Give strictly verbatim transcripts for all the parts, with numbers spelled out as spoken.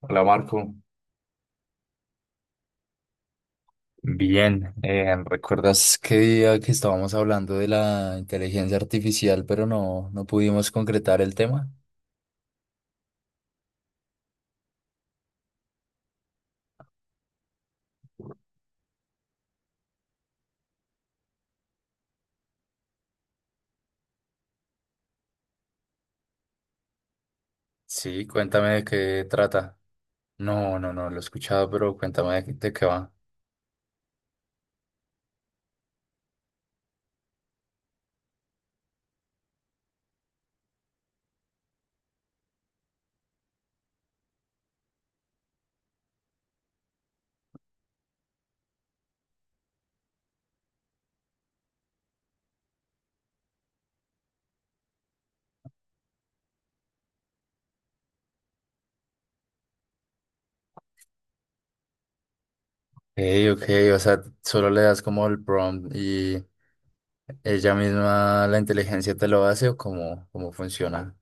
Hola, Marco. Bien. Eh, ¿recuerdas qué día que estábamos hablando de la inteligencia artificial, pero no, no pudimos concretar el tema? Sí, cuéntame de qué trata. No, no, no, lo he escuchado, pero cuéntame de, qué de qué va. Ey, ok, o sea, solo le das como el prompt y ella misma, la inteligencia te lo hace o cómo, cómo funciona.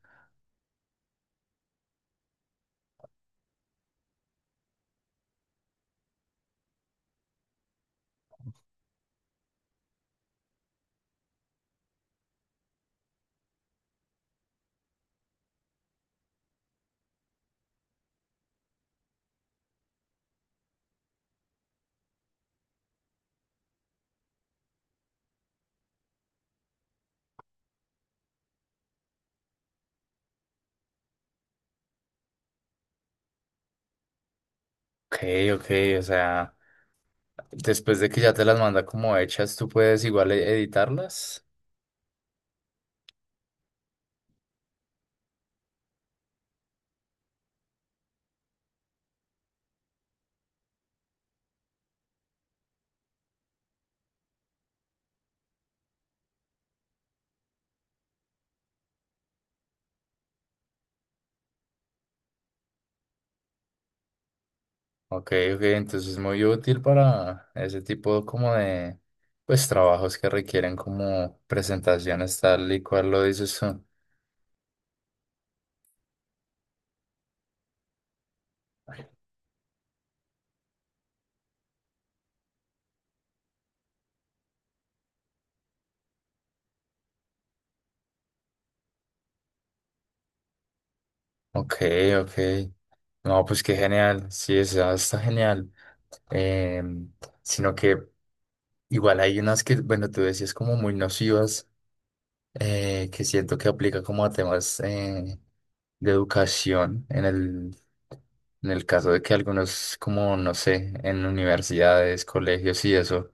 Ok, ok, o sea, después de que ya te las manda como hechas, ¿tú puedes igual e- editarlas? Ok, ok, entonces es muy útil para ese tipo como de, pues, trabajos que requieren como presentaciones tal y cual lo dices tú. Ok, ok. No, pues qué genial. Sí, o sea, está genial. Em, Sino que igual hay unas que, bueno, tú decías como muy nocivas. Eh, que siento que aplica como a temas eh, de educación en el, en el caso de que algunos, como no sé, en universidades, colegios y eso,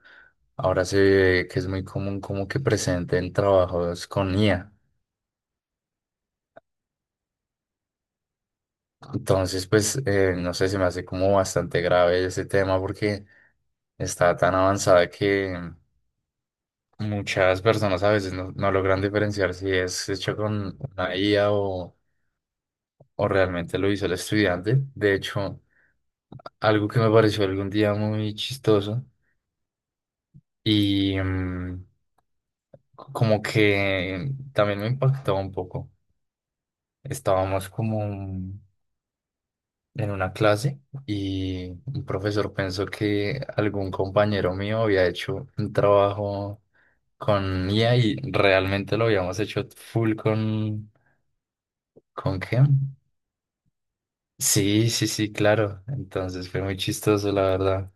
ahora se ve que es muy común como que presenten trabajos con I A. Entonces, pues, eh, no sé, se me hace como bastante grave ese tema porque está tan avanzada que muchas personas a veces no, no logran diferenciar si es hecho con una I A o o realmente lo hizo el estudiante. De hecho, algo que me pareció algún día muy chistoso y mm, como que también me impactó un poco. Estábamos como en una clase y un profesor pensó que algún compañero mío había hecho un trabajo con I A y realmente lo habíamos hecho full con... ¿Con qué? Sí, sí, sí, claro. Entonces fue muy chistoso, la verdad.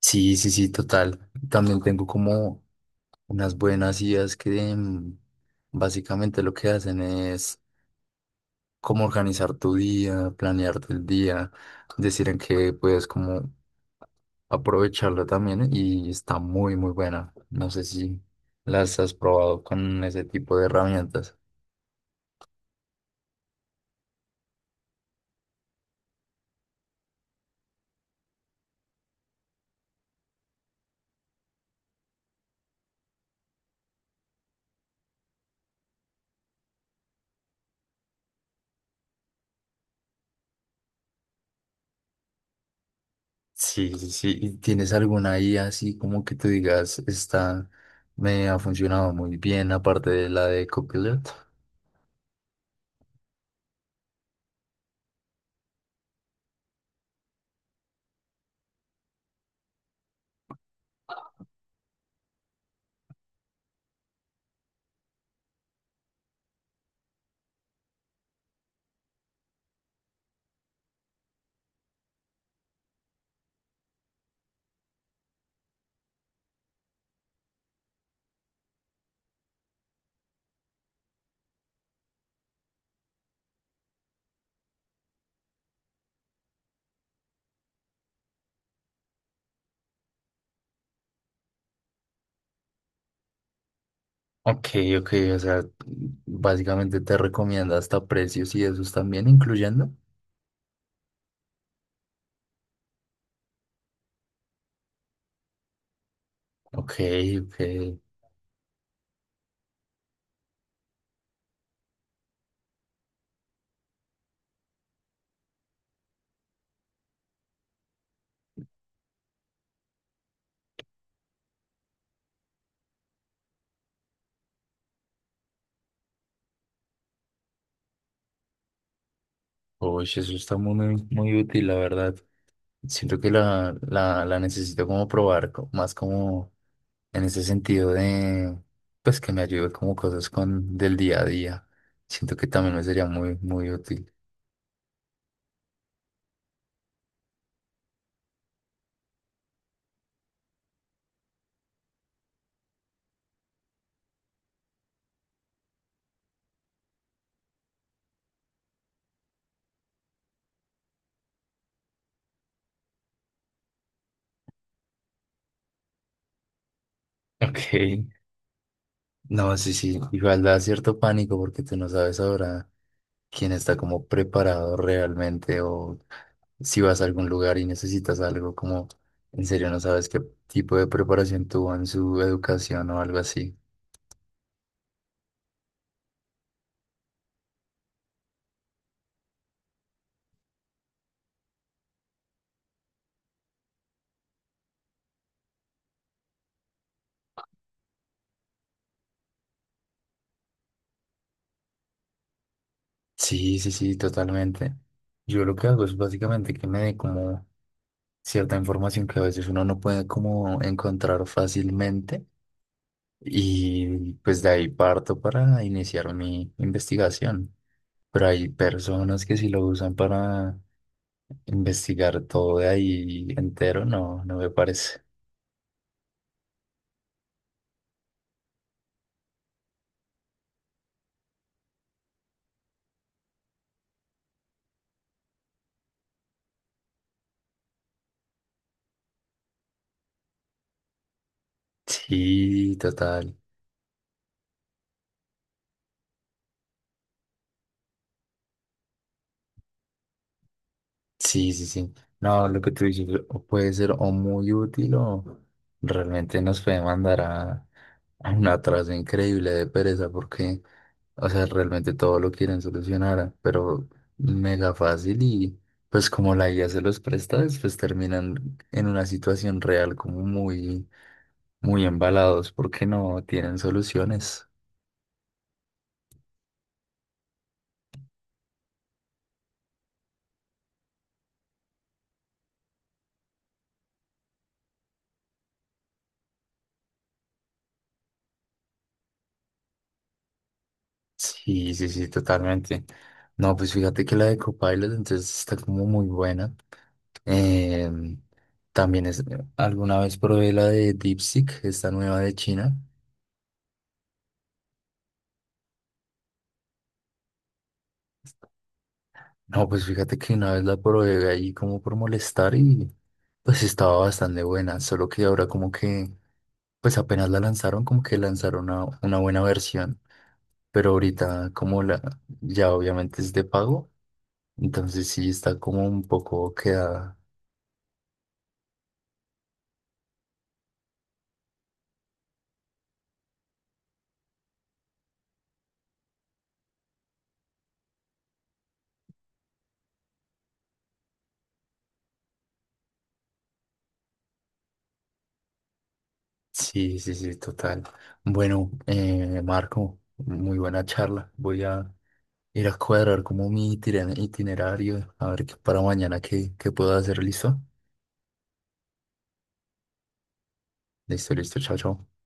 Sí, sí, sí, total. También tengo como unas buenas ideas que mm, básicamente lo que hacen es como organizar tu día, planear el día, decir en qué puedes como aprovecharlo también y está muy, muy buena. No sé si las has probado con ese tipo de herramientas. Sí, sí, sí. ¿Y tienes alguna I A así como que tú digas, esta me ha funcionado muy bien aparte de la de Copilot? Ok, ok, o sea, básicamente te recomienda hasta precios y esos también incluyendo. Ok, ok. Uy, eso está muy, muy útil, la verdad. Siento que la, la, la necesito como probar, co- más como en ese sentido de, pues que me ayude como cosas con del día a día. Siento que también me sería muy, muy útil. Ok. No, sí, sí, igual da cierto pánico porque tú no sabes ahora. Quién está como preparado realmente o si vas a algún lugar y necesitas algo, como en serio no sabes qué tipo de preparación tuvo en su educación o algo así. Sí, sí, sí, totalmente. Yo lo que hago es básicamente que me dé como cierta información que a veces uno no puede como encontrar fácilmente y pues de ahí parto para iniciar mi investigación. Pero hay personas que sí lo usan para investigar todo de ahí entero, no, no me parece. Sí, total. Sí, sí, sí. No, lo que tú dices o puede ser o muy útil o realmente nos puede mandar a, a un atraso increíble de pereza porque, o sea, realmente todo lo quieren solucionar, pero mega fácil y pues como la I A se los presta, pues terminan en una situación real como muy, muy embalados porque no tienen soluciones. Sí, sí, sí, totalmente. No, pues fíjate que la de Copilot entonces está como muy buena. Em, También es, alguna vez probé la de DeepSeek, esta nueva de China. No, pues fíjate que una vez la probé ahí como por molestar y pues estaba bastante buena, solo que ahora como que, pues apenas la lanzaron, como que lanzaron una, una buena versión, pero ahorita como la, ya obviamente es de pago, entonces sí está como un poco quedada. Sí, sí, sí, total. Bueno, eh, Marco, muy buena charla. Voy a ir a cuadrar como mi itiner- itinerario, a ver qué para mañana qué, qué puedo hacer. ¿Listo? Listo, listo. Chao, chao.